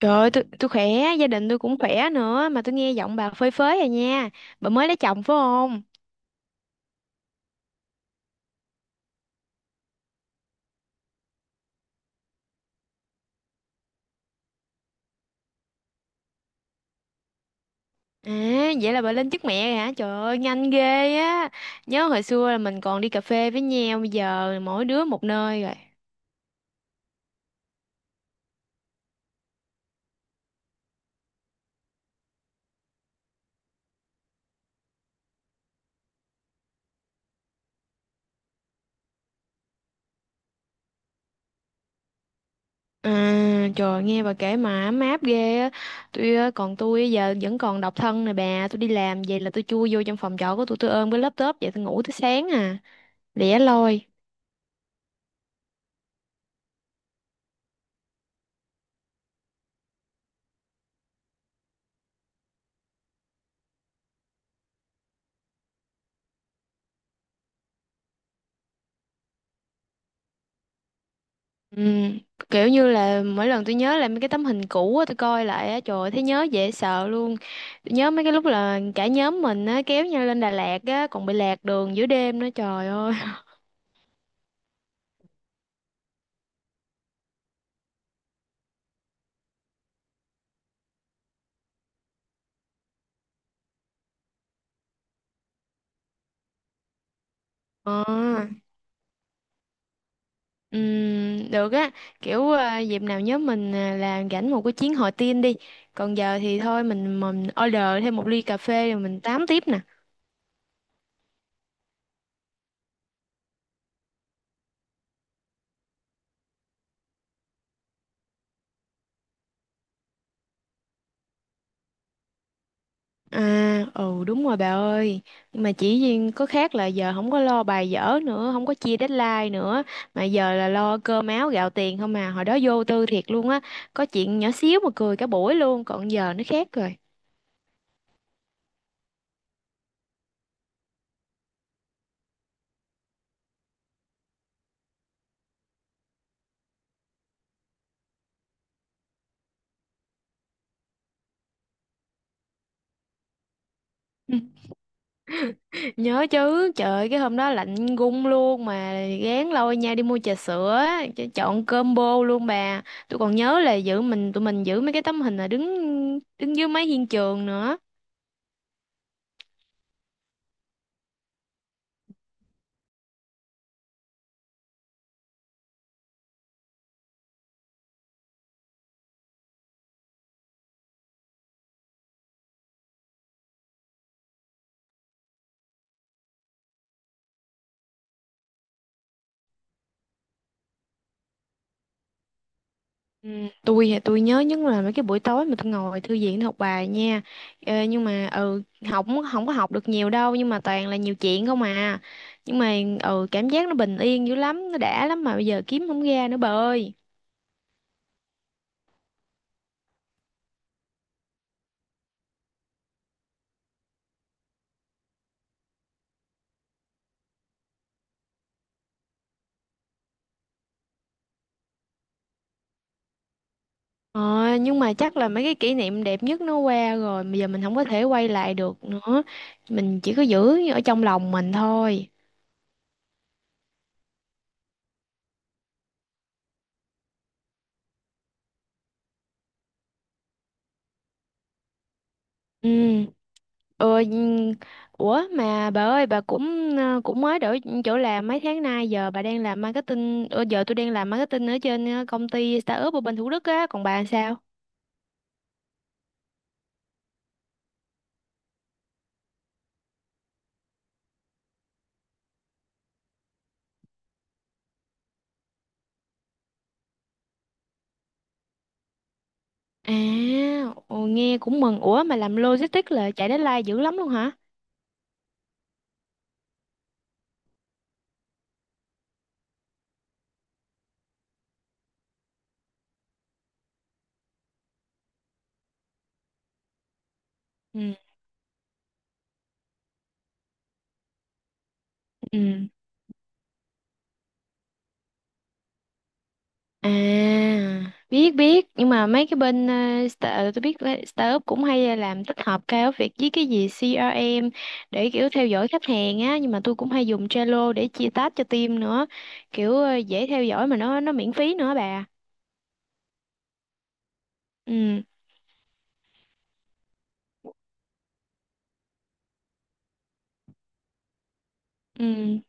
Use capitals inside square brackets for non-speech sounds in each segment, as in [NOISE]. Trời ơi, tôi khỏe, gia đình tôi cũng khỏe nữa. Mà tôi nghe giọng bà phơi phới rồi nha. Bà mới lấy chồng phải không? À, vậy là bà lên chức mẹ rồi hả? Trời ơi, nhanh ghê á. Nhớ hồi xưa là mình còn đi cà phê với nhau. Bây giờ mỗi đứa một nơi rồi. À, trời nghe bà kể mà ấm áp ghê á. Tôi á, còn tôi giờ vẫn còn độc thân nè bà. Tôi đi làm về là tôi chui vô trong phòng trọ của tôi. Tôi ôm cái laptop vậy tôi ngủ tới sáng à. Lẻ loi. Ừm, kiểu như là mỗi lần tôi nhớ lại mấy cái tấm hình cũ á, tôi coi lại á, trời ơi, thấy nhớ dễ sợ luôn. Tôi nhớ mấy cái lúc là cả nhóm mình á kéo nhau lên Đà Lạt á, còn bị lạc đường giữa đêm nữa, trời ơi. Ờ, được á. Dịp nào nhóm mình là rảnh một cái chuyến hội tiên đi. Còn giờ thì thôi, mình order thêm một ly cà phê rồi mình tám tiếp nè. À, ừ, đúng rồi bà ơi. Nhưng mà chỉ riêng có khác là giờ không có lo bài vở nữa. Không có chia deadline nữa. Mà giờ là lo cơm áo gạo tiền không à. Hồi đó vô tư thiệt luôn á. Có chuyện nhỏ xíu mà cười cả buổi luôn. Còn giờ nó khác rồi. [LAUGHS] Nhớ chứ, trời ơi, cái hôm đó lạnh gung luôn. Mà gán lôi nhau đi mua trà sữa á, chọn combo luôn bà. Tôi còn nhớ là giữ mình tụi mình giữ mấy cái tấm hình là đứng đứng dưới mái hiên trường nữa. Ừ, tôi thì tôi nhớ nhất là mấy cái buổi tối mà tôi ngồi thư viện tôi học bài nha. Nhưng mà ừ, học không không có học được nhiều đâu, nhưng mà toàn là nhiều chuyện không à. Nhưng mà ừ, cảm giác nó bình yên dữ lắm, nó đã lắm, mà bây giờ kiếm không ra nữa bà ơi. Ờ, nhưng mà chắc là mấy cái kỷ niệm đẹp nhất nó qua rồi, bây giờ mình không có thể quay lại được nữa. Mình chỉ có giữ ở trong lòng mình thôi. Ừ. Ừ, nhưng- Ủa mà bà ơi, bà cũng cũng mới đổi chỗ làm mấy tháng nay, giờ bà đang làm marketing. Ờ, Giờ tôi đang làm marketing ở trên công ty startup ở bên Thủ Đức á, còn bà sao? À, ồ, nghe cũng mừng. Ủa mà làm logistics là chạy deadline dữ lắm luôn hả? Ừ. Ừ. À, biết biết, nhưng mà mấy cái bên tôi biết là startup cũng hay làm tích hợp cao việc với cái gì CRM để kiểu theo dõi khách hàng á, nhưng mà tôi cũng hay dùng Trello để chia task cho team nữa. Kiểu dễ theo dõi mà nó miễn phí nữa bà. Ừ. Ừ.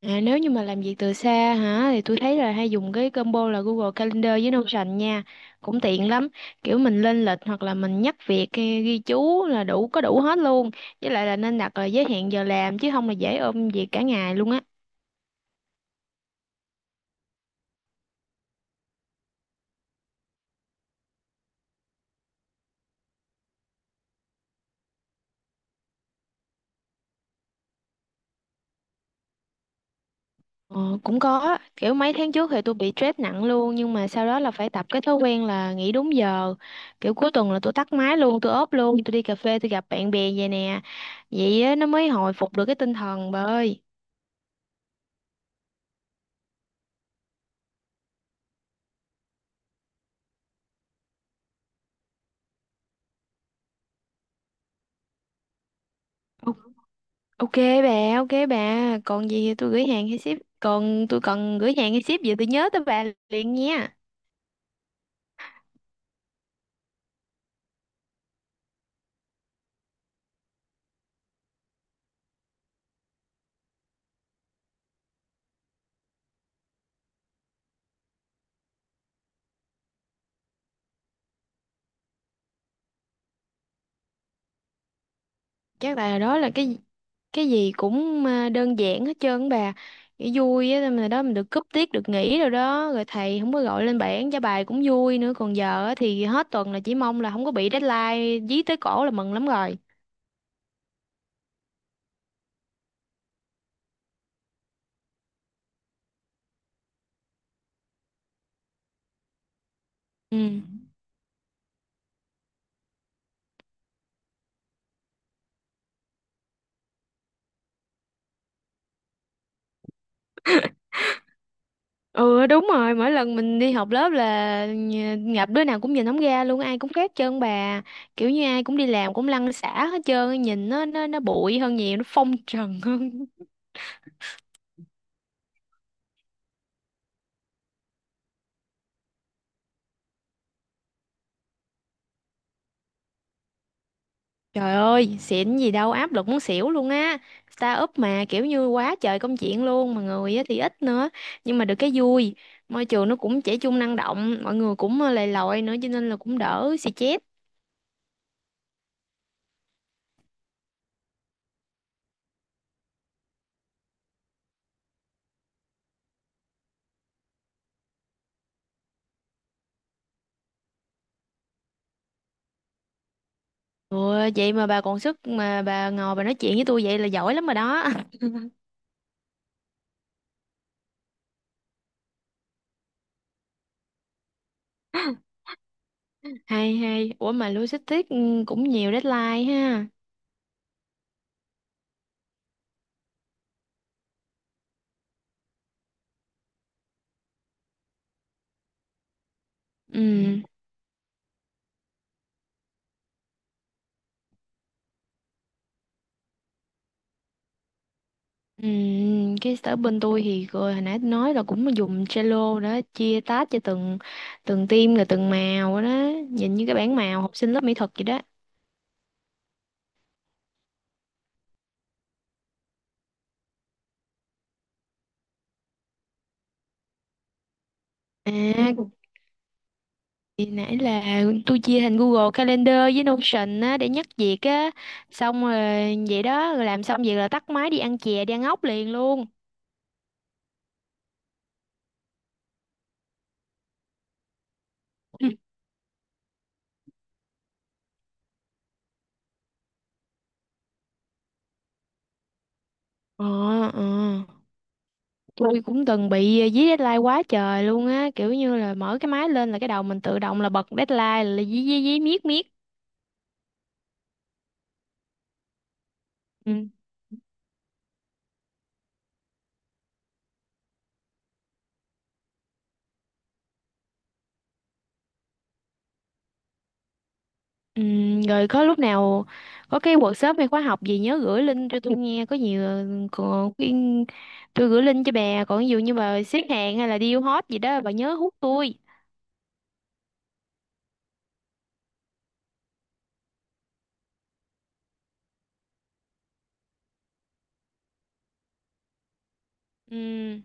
À, nếu như mà làm việc từ xa hả, thì tôi thấy là hay dùng cái combo là Google Calendar với Notion nha. Cũng tiện lắm. Kiểu mình lên lịch hoặc là mình nhắc việc hay ghi chú là có đủ hết luôn. Với lại là nên đặt là giới hạn giờ làm, chứ không là dễ ôm việc cả ngày luôn á. Ờ, cũng có, kiểu mấy tháng trước thì tôi bị stress nặng luôn, nhưng mà sau đó là phải tập cái thói quen là nghỉ đúng giờ. Kiểu cuối tuần là tôi tắt máy luôn, tôi ốp luôn, tôi đi cà phê, tôi gặp bạn bè vậy nè. Vậy á, nó mới hồi phục được cái tinh thần bà ơi. Ờ, ok bà, ok bà. Còn gì thì tôi gửi hàng hay ship. Còn tôi cần gửi hàng hay ship gì tôi nhớ tới bà liền nha. Chắc là đó là cái gì cũng đơn giản hết trơn á bà. Cái vui á mà đó, mình được cúp tiết được nghỉ rồi đó, rồi thầy không có gọi lên bảng trả bài cũng vui nữa. Còn giờ á thì hết tuần là chỉ mong là không có bị deadline dí tới cổ là mừng lắm rồi. Ừ. Ừ đúng rồi, mỗi lần mình đi học lớp là gặp đứa nào cũng nhìn không ra luôn, ai cũng khác trơn bà. Kiểu như ai cũng đi làm cũng lăn xả hết trơn, nhìn nó bụi hơn nhiều, nó phong trần [LAUGHS] hơn. Trời ơi, xịn gì đâu, áp lực muốn xỉu luôn á. Startup mà kiểu như quá trời công chuyện luôn, mà người á thì ít nữa, nhưng mà được cái vui. Môi trường nó cũng trẻ trung năng động, mọi người cũng lầy lội nữa, cho nên là cũng đỡ xì chét. Ừ, vậy mà bà còn sức mà bà ngồi bà nói chuyện với tôi vậy là giỏi lắm rồi đó. Hay hay, ủa mà logistics ừ, cũng nhiều deadline ha. Ừ. Ừ. Cái sở bên tôi thì rồi hồi nãy nói là cũng dùng Trello đó, chia task cho từng từng team là từng màu đó, nhìn như cái bảng màu học sinh lớp mỹ thuật vậy đó. À, thì nãy là tôi chia thành Google Calendar với Notion á để nhắc việc á. Xong rồi vậy đó, rồi làm xong việc là tắt máy đi ăn chè đi ăn ốc liền luôn. Ừ. Ờ. Ờ. Tôi cũng từng bị dí deadline quá trời luôn á, kiểu như là mở cái máy lên là cái đầu mình tự động là bật deadline là dí dí dí miết miết. Ừ. Ừ, rồi có lúc nào có cái workshop hay khóa học gì nhớ gửi link cho tôi nghe có nhiều. còn cái- tôi gửi link cho bà, còn ví dụ như bà xếp hàng hay là deal hot gì đó bà nhớ hút tôi. Ừ.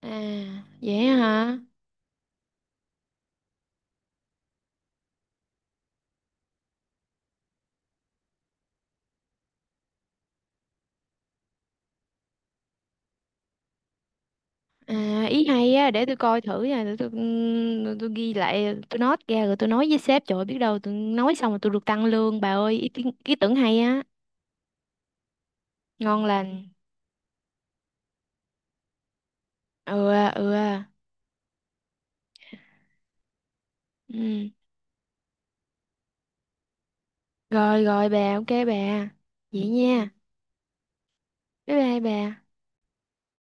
À, vậy hả? À, ý hay á, để tôi coi thử nha, để tôi ghi lại, tôi note ra rồi tôi nói với sếp, trời ơi, biết đâu tôi nói xong rồi tôi được tăng lương, bà ơi, ý tưởng hay á, ngon lành, ừ, à, ừ, à. Ừ, rồi, rồi bà, ok bà, vậy nha, bye bye bà.